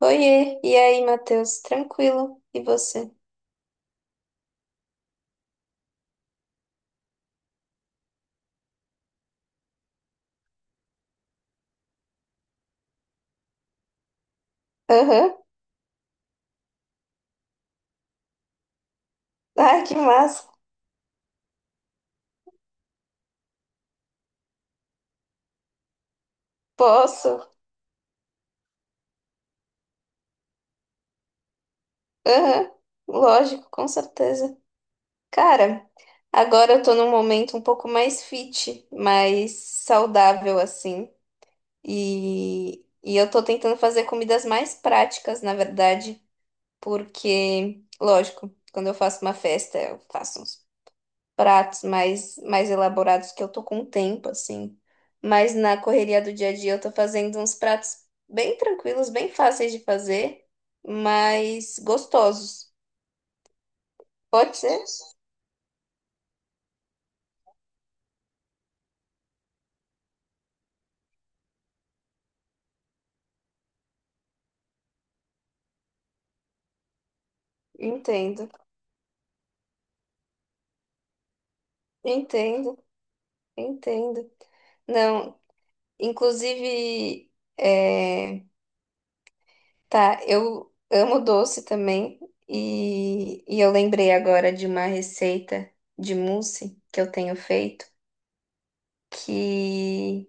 Oiê, e aí, Matheus? Tranquilo? E você? Aham. Ai, que massa. Posso? Aham. Lógico, com certeza. Cara, agora eu tô num momento um pouco mais fit, mais saudável, assim. E, e eu tô tentando fazer comidas mais práticas, na verdade, porque, lógico, quando eu faço uma festa, eu faço uns pratos mais elaborados que eu tô com tempo, assim. Mas na correria do dia a dia eu tô fazendo uns pratos bem tranquilos, bem fáceis de fazer, mas gostosos. Pode ser? Entendo, entendo, entendo. Não, inclusive, é, tá, eu amo doce também e eu lembrei agora de uma receita de mousse que eu tenho feito que...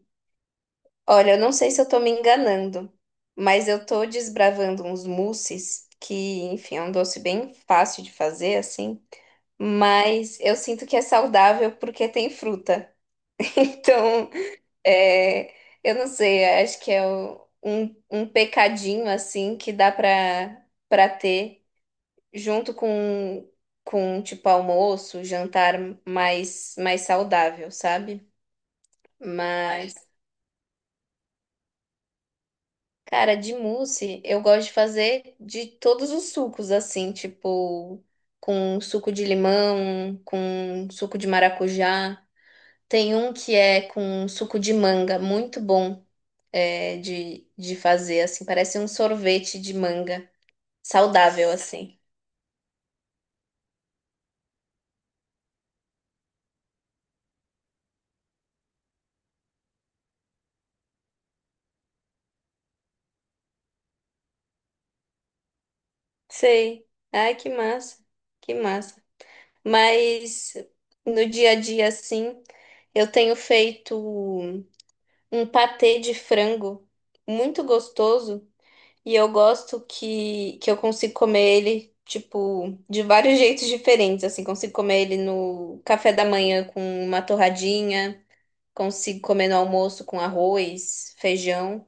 Olha, eu não sei se eu tô me enganando, mas eu tô desbravando uns mousses, que, enfim, é um doce bem fácil de fazer, assim, mas eu sinto que é saudável porque tem fruta. Então, é, eu não sei, acho que é um pecadinho, assim, que dá pra, pra ter junto com, tipo, almoço, jantar mais saudável, sabe? Mas. Cara, de mousse, eu gosto de fazer de todos os sucos, assim, tipo, com suco de limão, com suco de maracujá. Tem um que é com suco de manga, muito bom, é, de fazer, assim, parece um sorvete de manga, saudável, assim. Sei. Ai, que massa, que massa. Mas no dia a dia, assim, eu tenho feito um patê de frango muito gostoso. E eu gosto que eu consigo comer ele, tipo, de vários jeitos diferentes. Assim, consigo comer ele no café da manhã com uma torradinha, consigo comer no almoço com arroz, feijão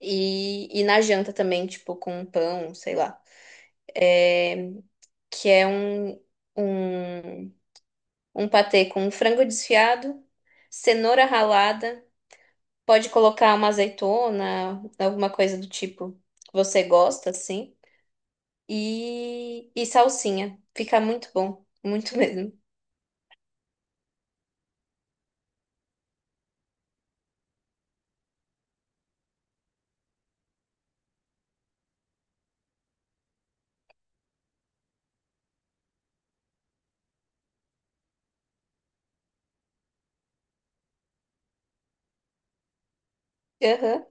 e na janta também, tipo, com um pão, sei lá. É, que é um, um patê com frango desfiado, cenoura ralada, pode colocar uma azeitona, alguma coisa do tipo que você gosta, assim. E salsinha. Fica muito bom, muito mesmo. Aham.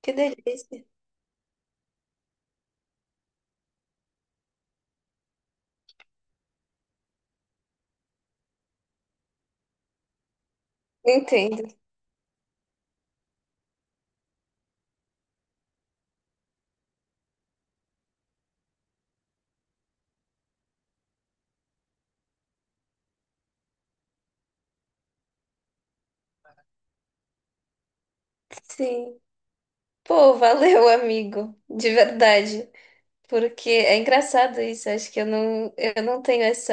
Que delícia. Entendo. Sim. Pô, valeu, amigo, de verdade. Porque é engraçado isso, acho que eu não tenho essa,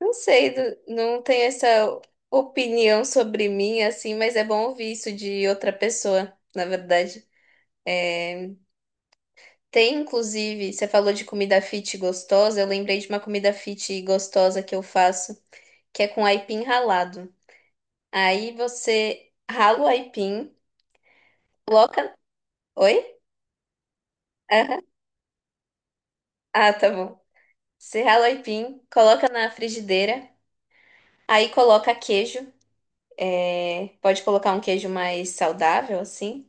não sei, não tenho essa opinião sobre mim, assim, mas é bom ouvir isso de outra pessoa, na verdade. Tem, inclusive, você falou de comida fit gostosa, eu lembrei de uma comida fit gostosa que eu faço, que é com aipim ralado. Aí você rala o aipim, coloca. Oi? Aham. Ah, tá bom. Você rala o aipim, coloca na frigideira, aí coloca queijo. Pode colocar um queijo mais saudável, assim.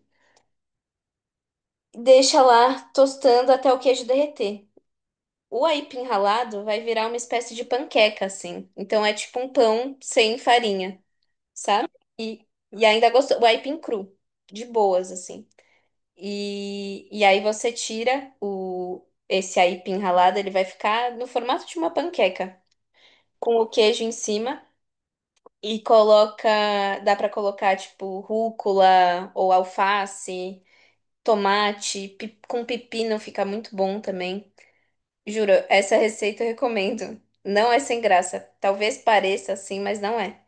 Deixa lá tostando até o queijo derreter. O aipim ralado vai virar uma espécie de panqueca, assim. Então é tipo um pão sem farinha, sabe? E, e ainda gostoso. O aipim cru, de boas, assim. E aí você tira o, esse aipim ralado, ele vai ficar no formato de uma panqueca, com o queijo em cima e coloca, dá pra colocar tipo rúcula ou alface, tomate, com pepino fica muito bom também. Juro, essa receita eu recomendo. Não é sem graça. Talvez pareça assim, mas não é.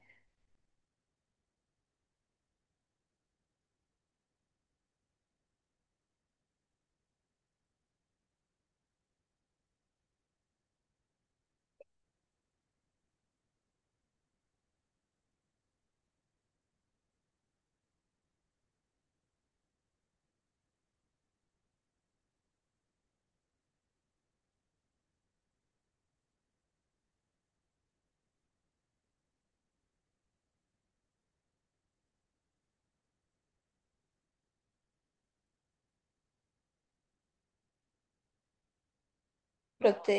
Prote...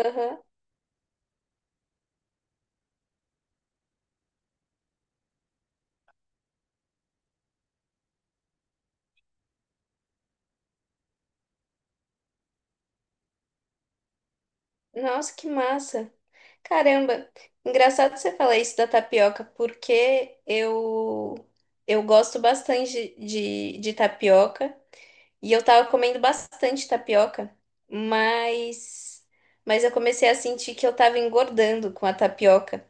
Aham. Nossa, que massa! Caramba, engraçado você falar isso da tapioca, porque eu gosto bastante de tapioca e eu tava comendo bastante tapioca, mas mas eu comecei a sentir que eu tava engordando com a tapioca.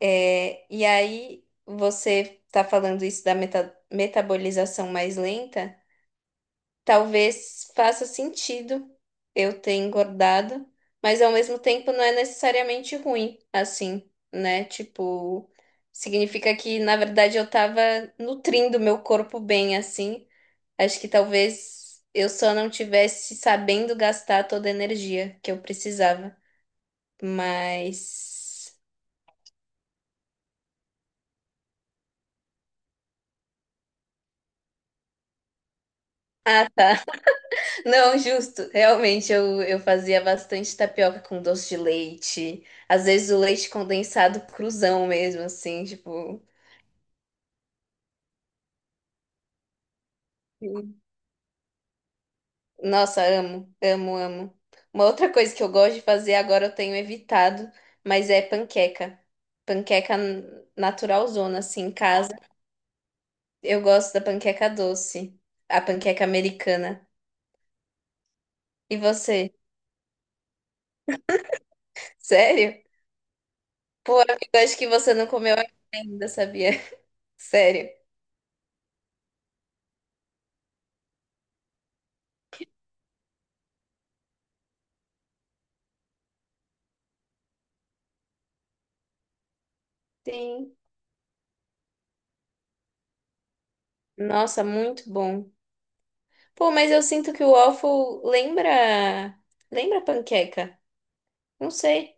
É, e aí você tá falando isso da metabolização mais lenta. Talvez faça sentido eu ter engordado, mas ao mesmo tempo não é necessariamente ruim, assim, né? Tipo, significa que na verdade eu tava nutrindo meu corpo bem, assim. Acho que talvez eu só não tivesse sabendo gastar toda a energia que eu precisava, mas. Ah, tá. Não, justo. Realmente, eu fazia bastante tapioca com doce de leite. Às vezes o leite condensado cruzão mesmo, assim, tipo. Sim. Nossa, amo, amo, amo. Uma outra coisa que eu gosto de fazer agora eu tenho evitado, mas é panqueca. Panqueca naturalzona, assim, em casa. Eu gosto da panqueca doce, a panqueca americana. E você? Sério? Pô, amigo, acho que você não comeu ainda, sabia? Sério. Sim. Nossa, muito bom. Pô, mas eu sinto que o waffle lembra. Lembra panqueca? Não sei.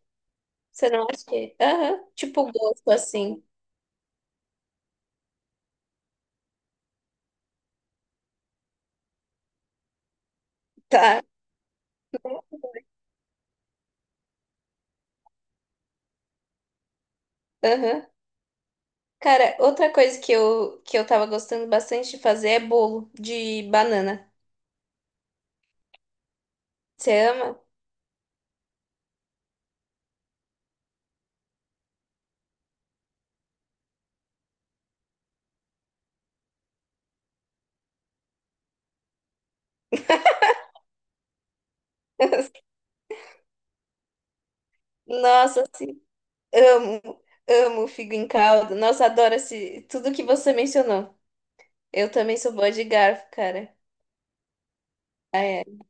Você não acha que... Aham. Tipo o gosto assim. Tá. Aham. Cara, outra coisa que eu tava gostando bastante de fazer é bolo de banana. Você ama? Nossa, amo. Amo figo em caldo. Nossa, adoro esse, tudo que você mencionou. Eu também sou boa de garfo, cara. Ai, ai.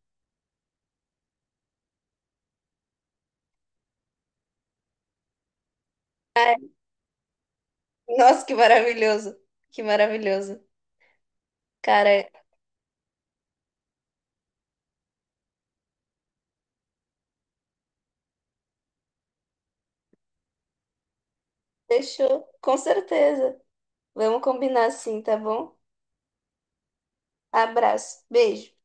Ai, nossa, que maravilhoso. Que maravilhoso. Cara, fechou. Com certeza. Vamos combinar sim, tá bom? Abraço. Beijo.